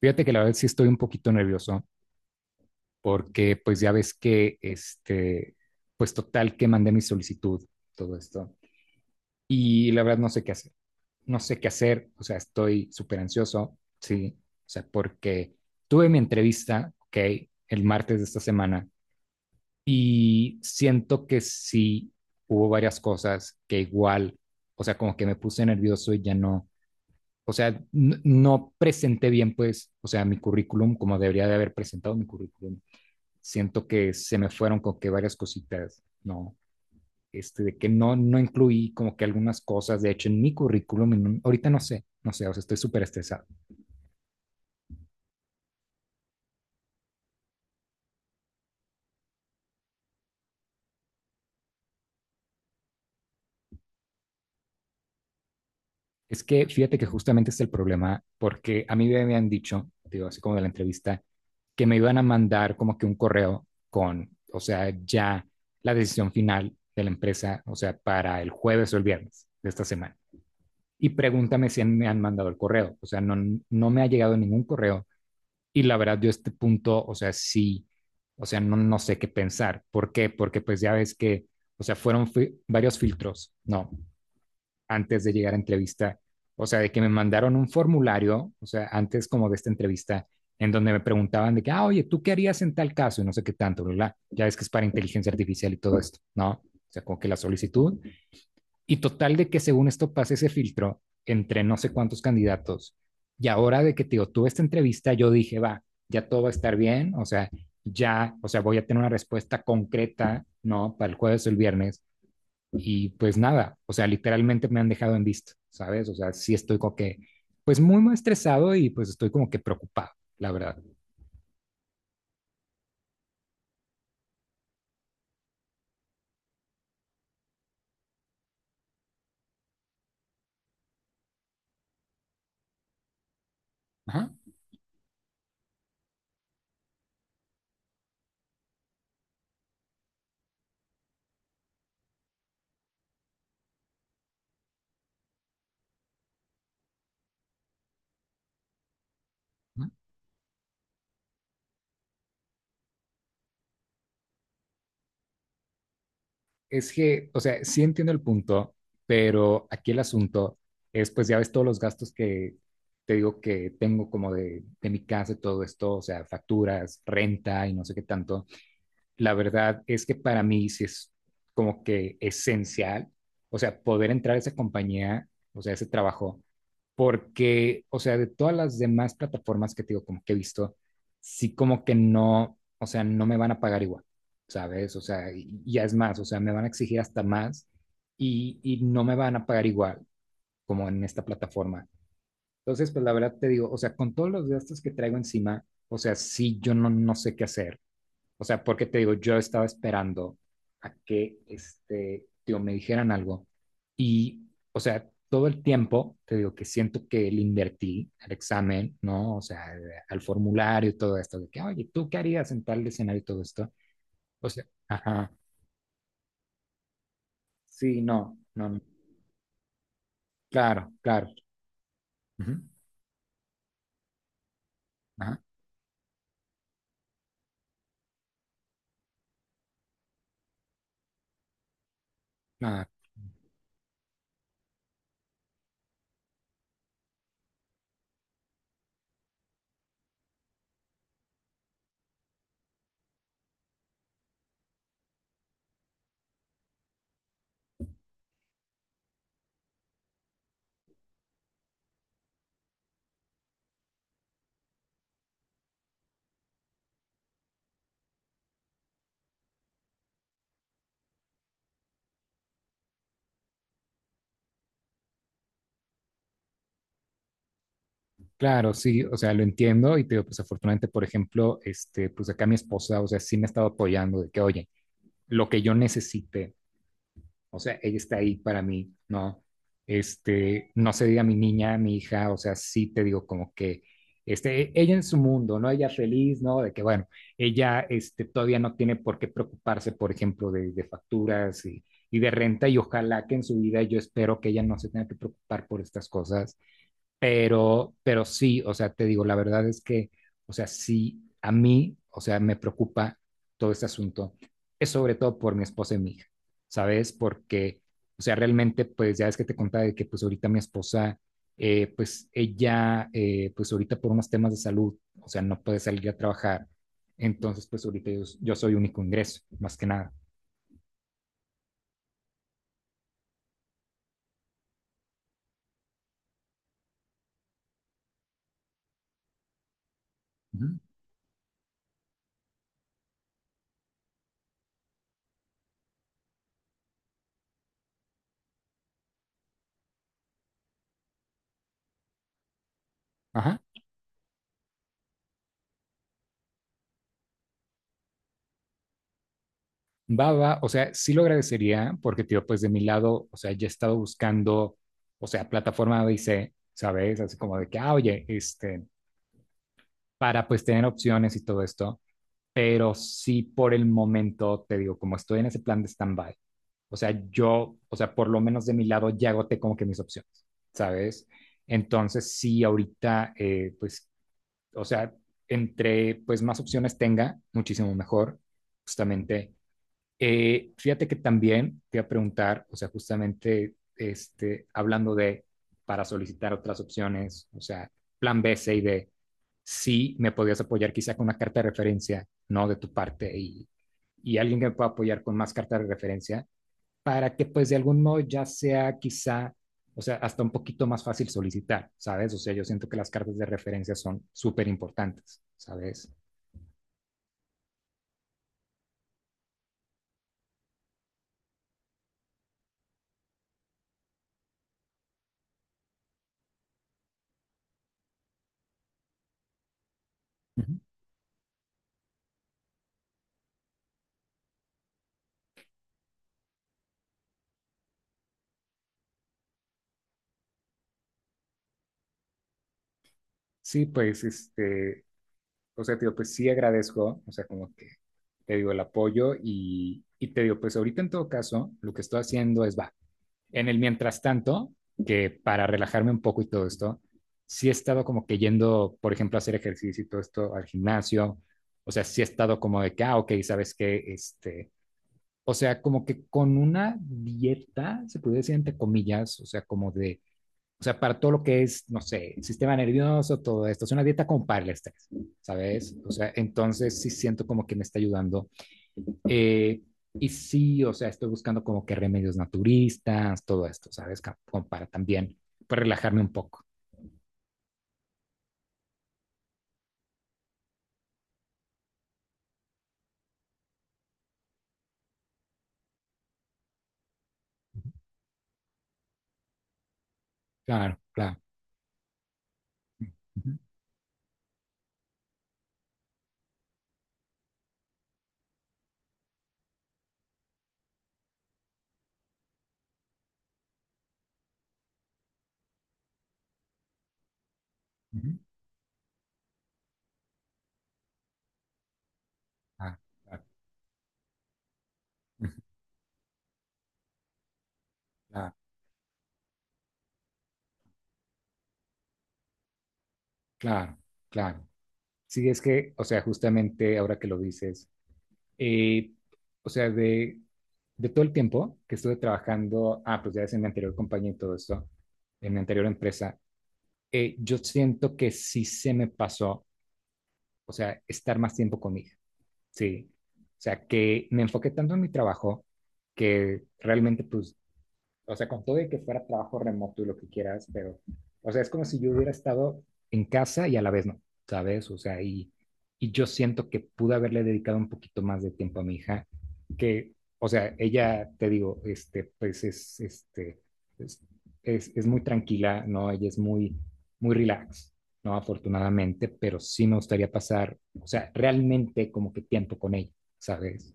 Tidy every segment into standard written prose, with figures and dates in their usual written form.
Fíjate que la verdad sí estoy un poquito nervioso porque pues ya ves que pues total que mandé mi solicitud, todo esto. Y la verdad no sé qué hacer, no sé qué hacer, o sea, estoy súper ansioso, sí, o sea, porque tuve mi entrevista, ok, el martes de esta semana y siento que sí hubo varias cosas que igual, o sea, como que me puse nervioso y ya no, o sea, no presenté bien, pues, o sea, mi currículum como debería de haber presentado mi currículum siento que se me fueron con que varias cositas, ¿no? De que no, no incluí como que algunas cosas, de hecho, en mi currículum, ahorita no sé, no sé, o sea, estoy súper estresado. Es que fíjate que justamente es el problema, porque a mí me habían dicho, digo, así como de la entrevista, que me iban a mandar como que un correo con, o sea, ya la decisión final de la empresa, o sea, para el jueves o el viernes de esta semana. Y pregúntame si me han mandado el correo, o sea, no, no me ha llegado ningún correo. Y la verdad, yo a este punto, o sea, sí, o sea, no, no sé qué pensar. ¿Por qué? Porque pues ya ves que, o sea, varios filtros, ¿no? Antes de llegar a entrevista, o sea, de que me mandaron un formulario, o sea, antes como de esta entrevista, en donde me preguntaban de que, ah, oye, ¿tú qué harías en tal caso? Y no sé qué tanto, bla, bla. Ya ves que es para inteligencia artificial y todo esto, ¿no? O sea, como que la solicitud y total de que según esto pase ese filtro entre no sé cuántos candidatos. Y ahora de que te digo, tuve esta entrevista, yo dije, va, ya todo va a estar bien, o sea, ya, o sea, voy a tener una respuesta concreta, ¿no? Para el jueves o el viernes. Y pues nada, o sea, literalmente me han dejado en visto, ¿sabes? O sea, sí estoy como que, pues muy, muy estresado y pues estoy como que preocupado, la verdad. Ajá. Es que, o sea, sí entiendo el punto, pero aquí el asunto es, pues ya ves todos los gastos que te digo que tengo como de mi casa y todo esto, o sea, facturas, renta y no sé qué tanto. La verdad es que para mí sí es como que esencial, o sea, poder entrar a esa compañía, o sea, ese trabajo, porque, o sea, de todas las demás plataformas que te digo, como que he visto, sí como que no, o sea, no me van a pagar igual, ¿sabes? O sea, y ya es más, o sea, me van a exigir hasta más y no me van a pagar igual como en esta plataforma. Entonces, pues la verdad te digo, o sea, con todos los gastos que traigo encima, o sea, sí, yo no, no sé qué hacer. O sea, porque te digo, yo estaba esperando a que, digo, me dijeran algo. Y, o sea, todo el tiempo, te digo, que siento que le invertí al examen, ¿no? O sea, al formulario y todo esto, de que, oye, ¿tú qué harías en tal escenario y todo esto? O sea, ajá, sí, no, no, no. Claro, claro, ujú, ajá, ah, claro, sí, o sea, lo entiendo y te digo, pues afortunadamente, por ejemplo, pues acá mi esposa, o sea, sí me ha estado apoyando de que, oye, lo que yo necesite. O sea, ella está ahí para mí, ¿no? No se diga mi niña, mi hija, o sea, sí te digo como que, ella en su mundo, ¿no? Ella feliz, ¿no? De que, bueno, ella, todavía no tiene por qué preocuparse, por ejemplo, de facturas y de renta, y ojalá que en su vida yo espero que ella no se tenga que preocupar por estas cosas, pero sí, o sea, te digo, la verdad es que, o sea, sí, a mí, o sea, me preocupa todo este asunto. Es sobre todo por mi esposa y mi hija, ¿sabes? Porque, o sea, realmente, pues ya es que te contaba de que, pues ahorita mi esposa, pues ella, pues ahorita por unos temas de salud, o sea, no puede salir a trabajar. Entonces, pues ahorita yo, yo soy único ingreso, más que nada. Ujú. Ajá. Va, va, o sea, sí lo agradecería porque, tío, pues de mi lado, o sea, ya he estado buscando, o sea, plataforma A, B, C, ¿sabes? Así como de que, ah, oye, para pues tener opciones y todo esto, pero sí por el momento, te digo, como estoy en ese plan de stand-by, o sea, yo, o sea, por lo menos de mi lado ya agoté como que mis opciones, ¿sabes? Entonces, sí, ahorita, pues, o sea, entre pues más opciones tenga, muchísimo mejor, justamente fíjate que también te iba a preguntar, o sea, justamente hablando de para solicitar otras opciones, o sea, plan B, C y D, si me podías apoyar quizá con una carta de referencia, ¿no? De tu parte y alguien que me pueda apoyar con más cartas de referencia para que pues de algún modo ya sea quizá, o sea, hasta un poquito más fácil solicitar, ¿sabes? O sea, yo siento que las cartas de referencia son súper importantes, ¿sabes? Ujú. Sí, pues o sea, te digo, pues sí agradezco, o sea, como que te digo el apoyo y te digo, pues ahorita en todo caso, lo que estoy haciendo es, va, en el mientras tanto, que para relajarme un poco y todo esto, sí he estado como que yendo, por ejemplo, a hacer ejercicio y todo esto al gimnasio, o sea, sí he estado como de que, ah, ok, sabes que, o sea, como que con una dieta, se puede decir entre comillas, o sea, como de o sea, para todo lo que es, no sé, el sistema nervioso, todo esto. Es una dieta como para el estrés, ¿sabes? O sea, entonces sí siento como que me está ayudando. Eh, y sí, o sea, estoy buscando como que remedios naturistas, todo esto, ¿sabes? Como para también, para relajarme un poco. Claro, claro. Ujú, ujú. Ah, claro, ujú, claro, claro, claro. Sí, es que, o sea, justamente ahora que lo dices, Eh, o sea, de todo el tiempo que estuve trabajando, ah, pues ya es en mi anterior compañía y todo esto, en mi anterior empresa, yo siento que sí se me pasó, o sea, estar más tiempo con mi hija, sí. O sea, que me enfoqué tanto en mi trabajo que realmente, pues, o sea, con todo y que fuera trabajo remoto y lo que quieras, pero, o sea, es como si yo hubiera estado en casa y a la vez no, ¿sabes? O sea, y yo siento que pude haberle dedicado un poquito más de tiempo a mi hija, que, o sea, ella, te digo, es, es muy tranquila, ¿no? Ella es muy, muy relax, ¿no? Afortunadamente, pero sí me gustaría pasar, o sea, realmente como que tiempo con ella, ¿sabes?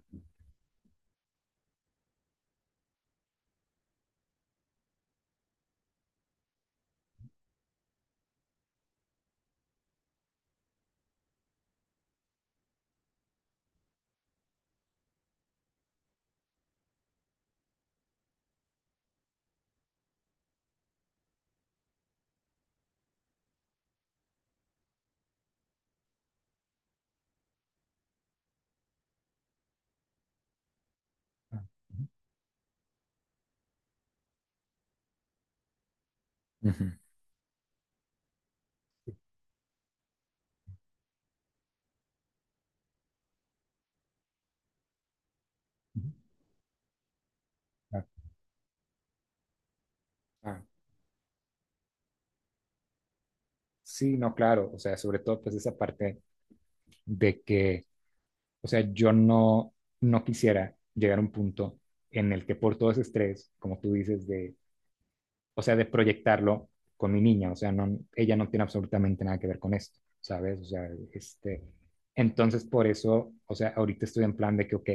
Ujú. Ah, sí, no, claro, o sea, sobre todo pues esa parte de que, o sea, yo no, no quisiera llegar a un punto en el que por todo ese estrés, como tú dices, de, o sea, de proyectarlo con mi niña, o sea, no, ella no tiene absolutamente nada que ver con esto, ¿sabes? O sea, entonces por eso, o sea, ahorita estoy en plan de que, ok,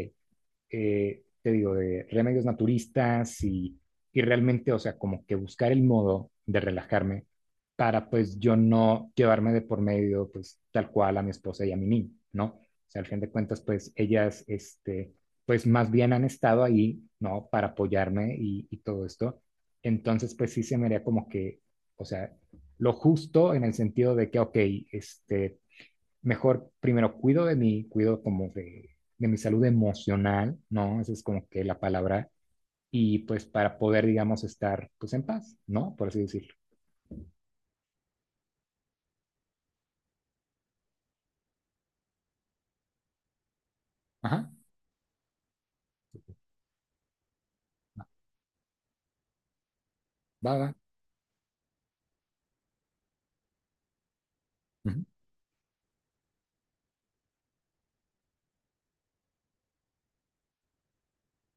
te digo, de remedios naturistas y realmente, o sea, como que buscar el modo de relajarme para pues yo no llevarme de por medio pues tal cual a mi esposa y a mi niño, ¿no? O sea, al fin de cuentas pues ellas, pues más bien han estado ahí, ¿no? Para apoyarme y todo esto. Entonces pues sí se me haría como que, o sea, lo justo en el sentido de que, ok, este, mejor primero cuido de mí, cuido como de mi salud emocional, ¿no? Esa es como que la palabra. Y pues para poder, digamos, estar pues en paz, ¿no? Por así decirlo. Ajá, va, va. Ujú.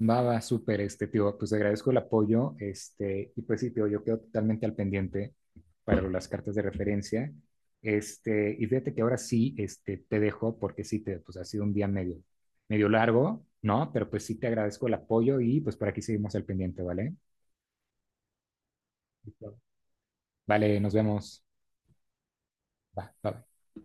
Va, va, súper, tío, pues te agradezco el apoyo, y pues sí, tío, yo quedo totalmente al pendiente para las cartas de referencia, y fíjate que ahora sí, te dejo, porque sí, te, pues ha sido un día medio, medio largo, ¿no? Pero pues sí te agradezco el apoyo y pues por aquí seguimos al pendiente, ¿vale? Vale, nos vemos. Va, bye.